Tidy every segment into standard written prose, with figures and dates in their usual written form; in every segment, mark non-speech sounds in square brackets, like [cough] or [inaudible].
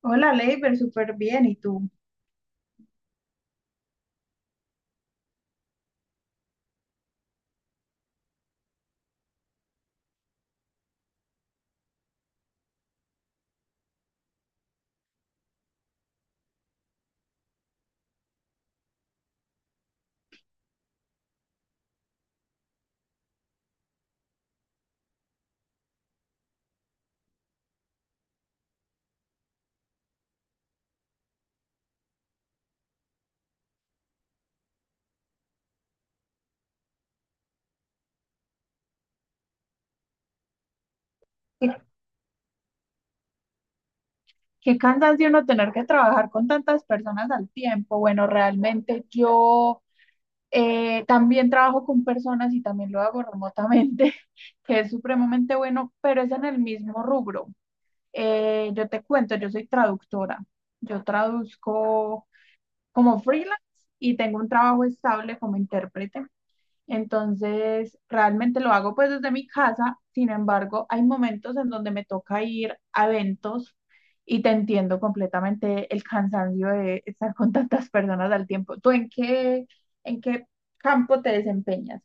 Hola, Leiber, súper bien. ¿Y tú? Qué, qué cansancio uno tener que trabajar con tantas personas al tiempo. Bueno, realmente yo también trabajo con personas y también lo hago remotamente, [laughs] que es supremamente bueno, pero es en el mismo rubro. Yo te cuento, yo soy traductora. Yo traduzco como freelance y tengo un trabajo estable como intérprete. Entonces, realmente lo hago pues desde mi casa, sin embargo, hay momentos en donde me toca ir a eventos y te entiendo completamente el cansancio de estar con tantas personas al tiempo. ¿Tú en qué campo te desempeñas?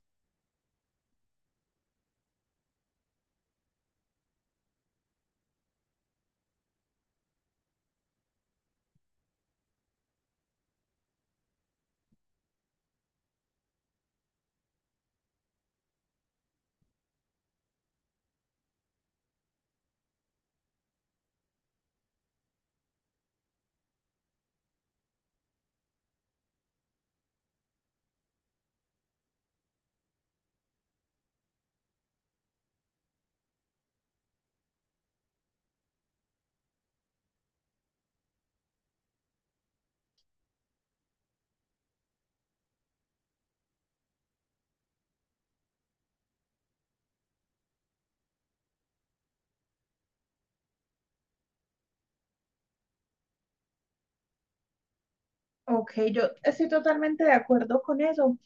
Ok, yo estoy totalmente de acuerdo con eso,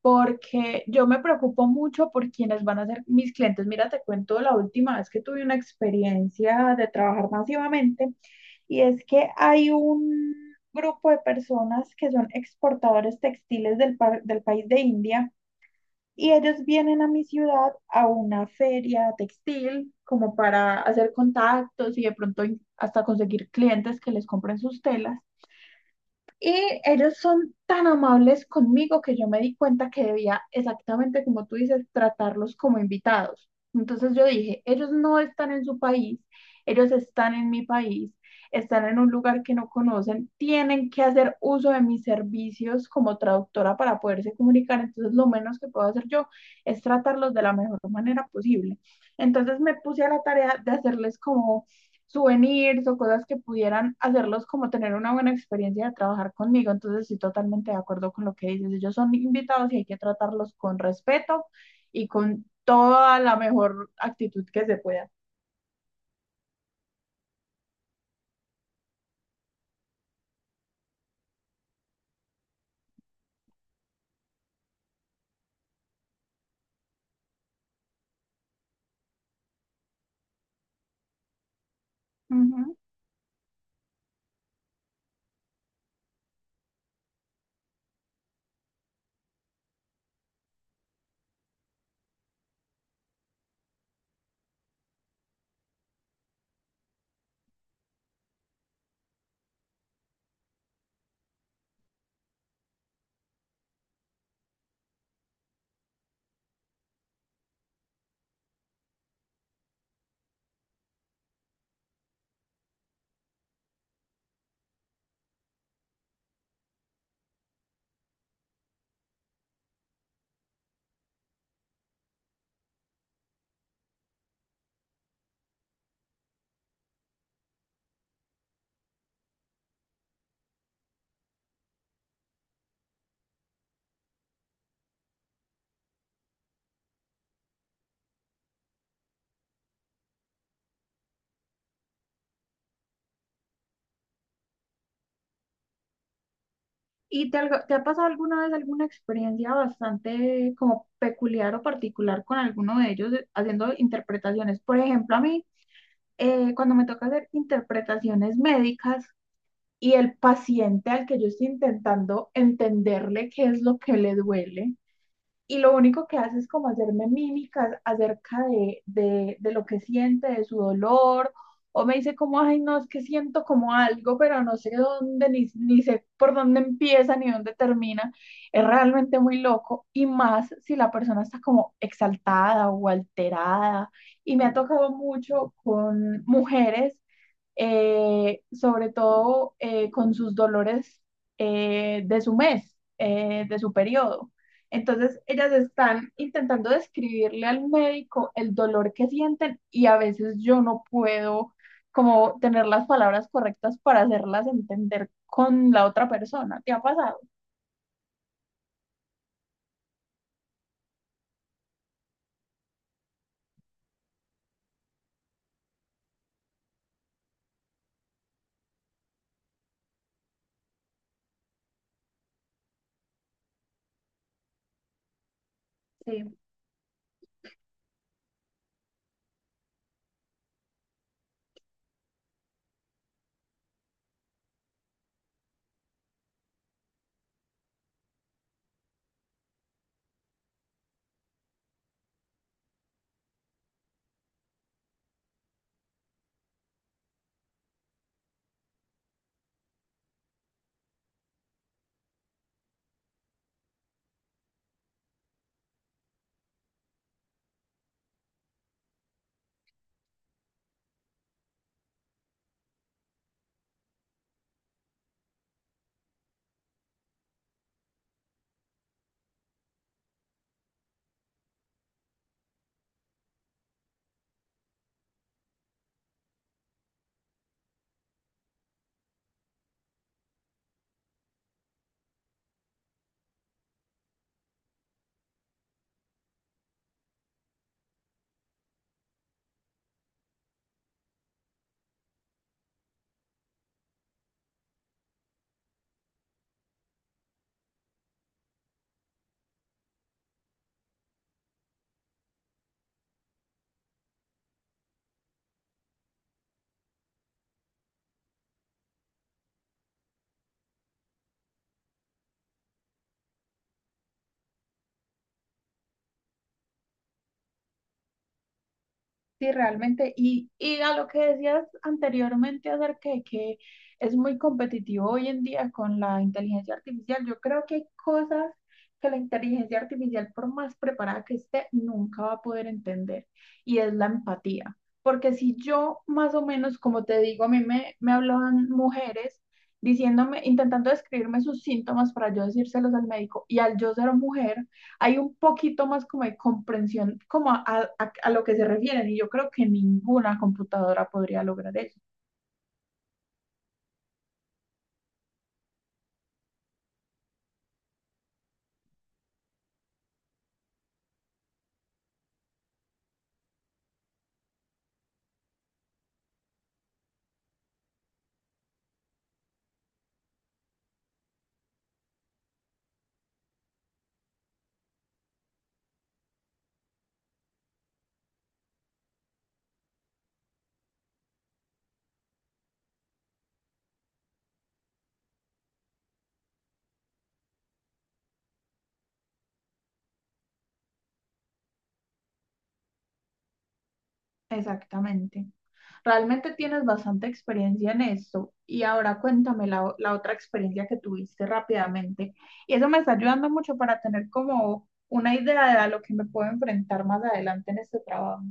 porque yo me preocupo mucho por quienes van a ser mis clientes. Mira, te cuento la última vez que tuve una experiencia de trabajar masivamente. Y es que hay un grupo de personas que son exportadores textiles del país de India y ellos vienen a mi ciudad a una feria textil como para hacer contactos y de pronto hasta conseguir clientes que les compren sus telas. Y ellos son tan amables conmigo que yo me di cuenta que debía, exactamente como tú dices, tratarlos como invitados. Entonces yo dije, ellos no están en su país, ellos están en mi país, están en un lugar que no conocen, tienen que hacer uso de mis servicios como traductora para poderse comunicar. Entonces lo menos que puedo hacer yo es tratarlos de la mejor manera posible. Entonces me puse a la tarea de hacerles como souvenirs o cosas que pudieran hacerlos como tener una buena experiencia de trabajar conmigo. Entonces, estoy totalmente de acuerdo con lo que dices. Ellos son invitados y hay que tratarlos con respeto y con toda la mejor actitud que se pueda. Ujú. ¿Y te ha pasado alguna vez alguna experiencia bastante como peculiar o particular con alguno de ellos haciendo interpretaciones? Por ejemplo, a mí, cuando me toca hacer interpretaciones médicas, y el paciente al que yo estoy intentando entenderle qué es lo que le duele. Y lo único que hace es como hacerme mímicas acerca de lo que siente, de su dolor, o me dice como, ay, no, es que siento como algo, pero no sé dónde, ni sé por dónde empieza, ni dónde termina. Es realmente muy loco, y más si la persona está como exaltada o alterada. Y me ha tocado mucho con mujeres sobre todo con sus dolores de su mes, de su periodo. Entonces, ellas están intentando describirle al médico el dolor que sienten y a veces yo no puedo como tener las palabras correctas para hacerlas entender con la otra persona. ¿Te ha pasado? Sí, sí, realmente. Y a lo que decías anteriormente acerca de que es muy competitivo hoy en día con la inteligencia artificial, yo creo que hay cosas que la inteligencia artificial, por más preparada que esté, nunca va a poder entender. Y es la empatía. Porque si yo, más o menos, como te digo, a mí me hablaban mujeres diciéndome, intentando describirme sus síntomas para yo decírselos al médico, y al yo ser mujer, hay un poquito más como de comprensión como a lo que se refieren y yo creo que ninguna computadora podría lograr eso. Exactamente. Realmente tienes bastante experiencia en esto y ahora cuéntame la otra experiencia que tuviste rápidamente. Y eso me está ayudando mucho para tener como una idea de a lo que me puedo enfrentar más adelante en este trabajo.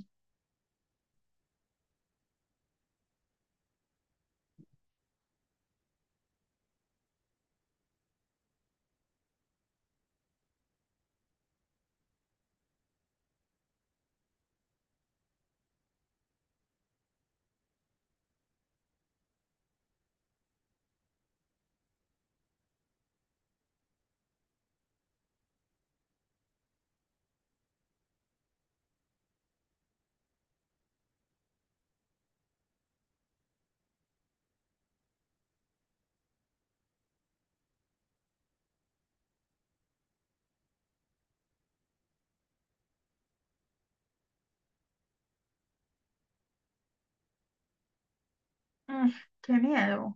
Mm, qué miedo.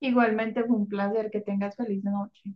Igualmente fue un placer que tengas feliz noche.